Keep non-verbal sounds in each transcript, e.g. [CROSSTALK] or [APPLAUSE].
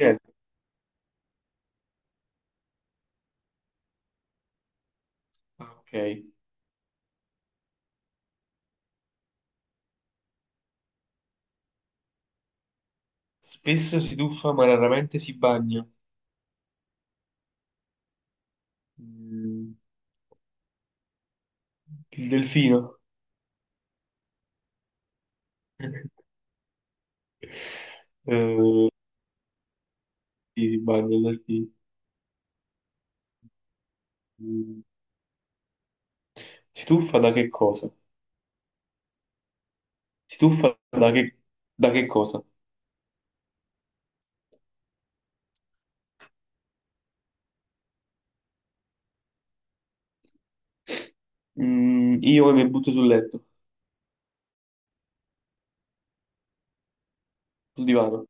Ah, Ok. Spesso si tuffa ma raramente si bagna. Mm, Il delfino? Eh, sì, si bagna il delfino. Mm, Si tuffa da che cosa? Si tuffa da che cosa? Io mi butto sul letto, sul divano.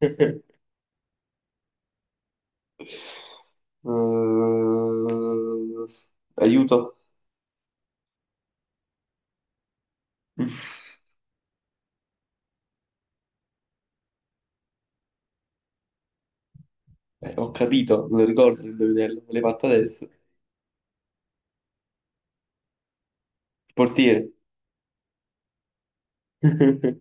[LAUGHS] Eh, aiuto. Eh, ho capito, non ricordo il indovinello, me l'hai fatto adesso. Il portiere. [LAUGHS]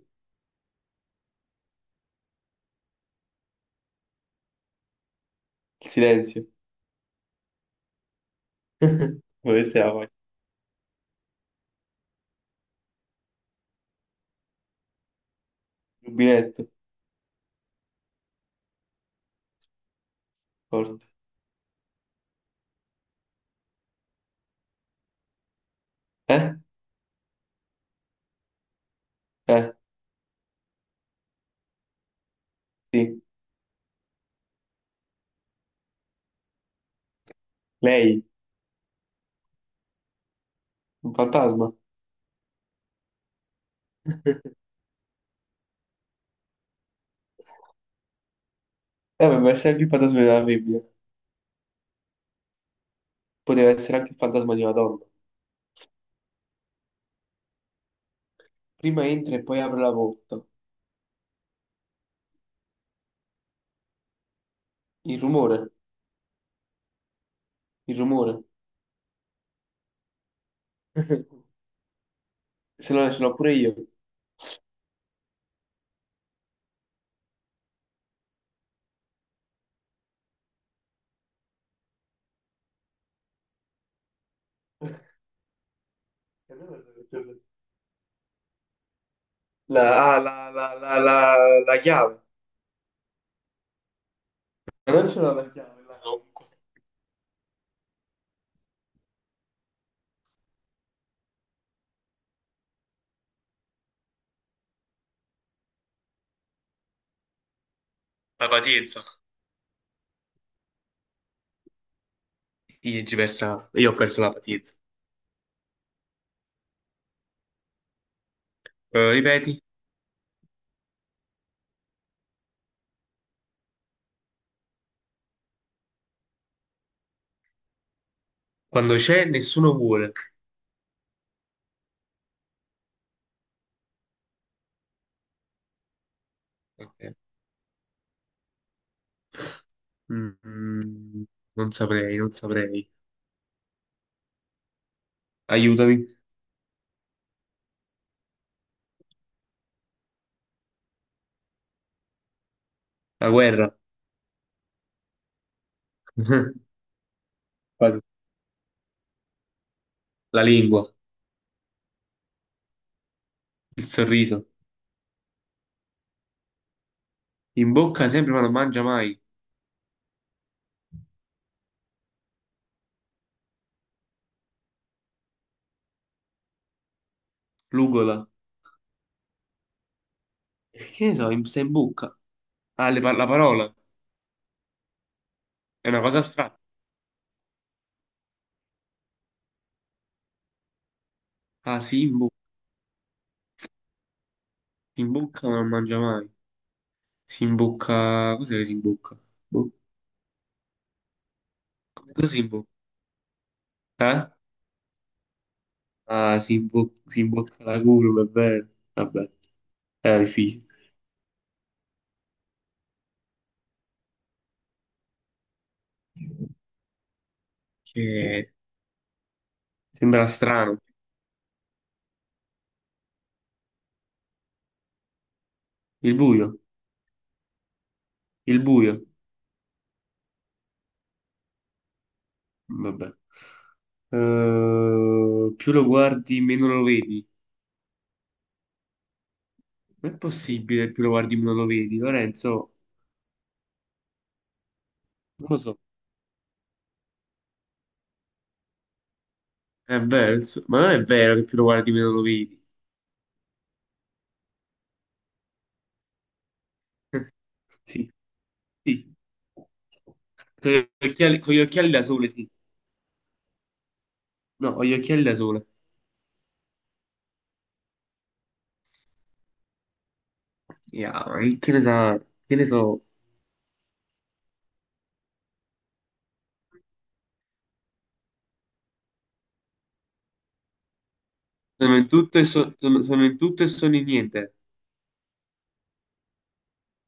Il silenzio. [LAUGHS] Dove sei? Vai? Il rubinetto. Porta. Eh? Eh, sì, lei, un fantasma. Ma essere anche il fantasma della femmina. Poteva essere anche il fantasma di una donna. Prima entra e poi apre la porta. Il rumore, il rumore. [LAUGHS] Se no, ce l'ho pure io. La, ah, la, la, la, la, la chiave. Ma non ce l'ho la chiave, la, comunque. La pazienza. Io ho perso la pazienza. Ripeti, quando c'è nessuno vuole. Ok. Mm, mm, non saprei, non saprei. Aiutami. La guerra. [LAUGHS] La lingua, il sorriso. In bocca sempre ma non mangia mai. L'ugola. E che ne so, sta in bocca. Ah, la parola. È una cosa strana. Ah, si in bocca. Si imbocca ma non mangia mai. Si imbocca. Cos'è che si imbocca? Boh. Cosa si imbocca? Eh? Ah, si, si imbocca la curva, è vero. Vabbè, è difficile. Che Sembra strano. Il buio. Il buio. Vabbè. Più lo guardi, meno lo vedi. Non è possibile che più lo guardi meno lo vedi, Lorenzo. Non lo so. È vero, ma non è vero che più lo guardi meno lo vedi. [LAUGHS] Sì, sì. Con gli occhiali da sole, sì. No, con gli occhiali da sole. Yeah, ma che ne sa, che ne so. Sono in tutto e, sono in tutto e sono in niente.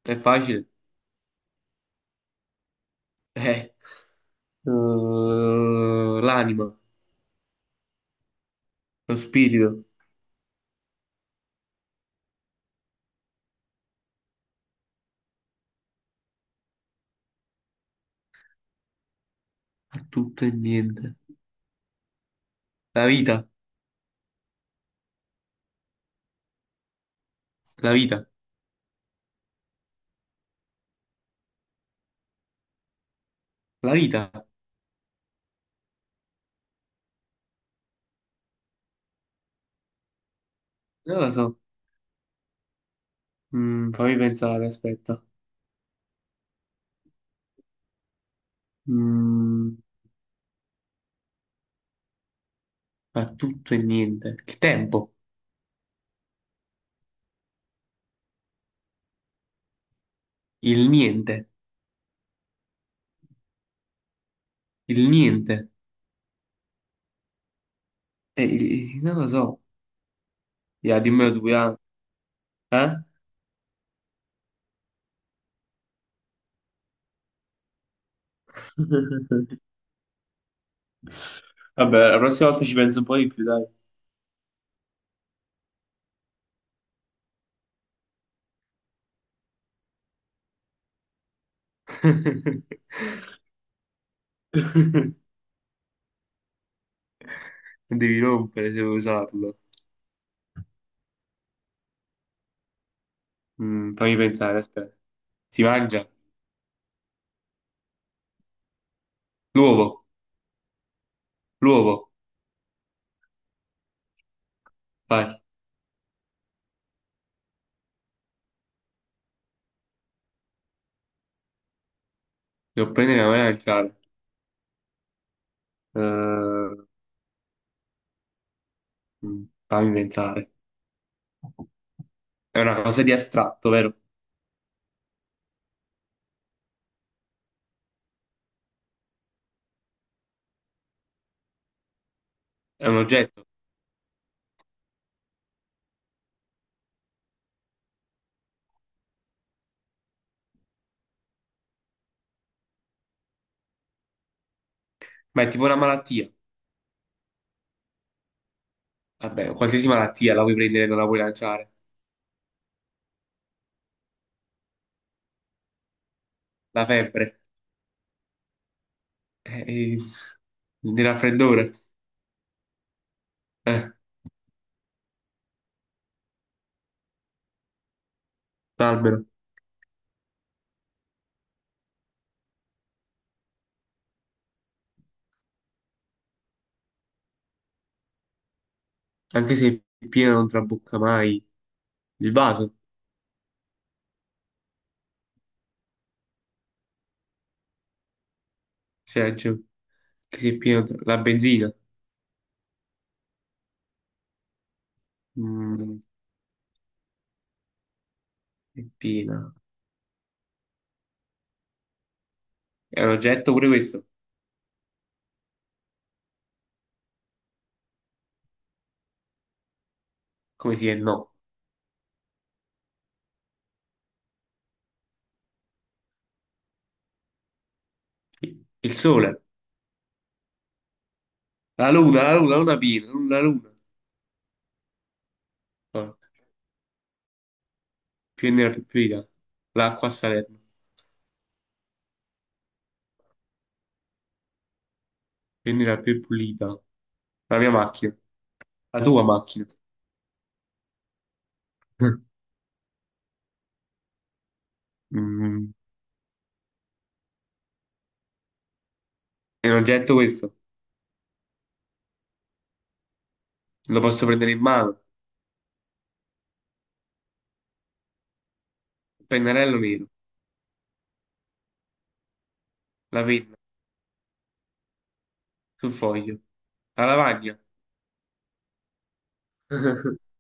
È facile. Eh. L'anima, lo spirito, è tutto e niente. La vita, la vita, la vita. Non lo so. Fammi pensare, aspetta. Mm, fa tutto e niente. Il tempo, il niente, il niente. Non lo so. Ya, dimmelo tu, ya. Eh? [LAUGHS] Vabbè, la prossima volta ci penso un po' di più, dai. [LAUGHS] Devi rompere se vuoi usarlo. Fammi pensare, aspetta. Si mangia? L'uovo, l'uovo. Vai, devo prendere la mangiare. Eh, fammi pensare. È una cosa di astratto, vero? È un oggetto, ma è tipo una malattia. Vabbè, qualsiasi malattia la puoi prendere e non la puoi lanciare. La febbre, eh, il il raffreddore, eh, l'albero. Anche se è pieno non trabocca mai. Il vaso, cioè, cioè, anche se è pieno, la benzina, mm, è piena. È un oggetto pure questo? Come si è? No. Il sole, la luna, la luna, la luna piena, la luna. La luna. Porca. Più è nera più è pulita. L'acqua a Salerno, più è nera più è pulita. La mia macchina, la tua macchina. [LAUGHS] Mm. È un oggetto questo, lo posso prendere in mano, il pennarello nero, la penna sul foglio, la lavagna. [LAUGHS]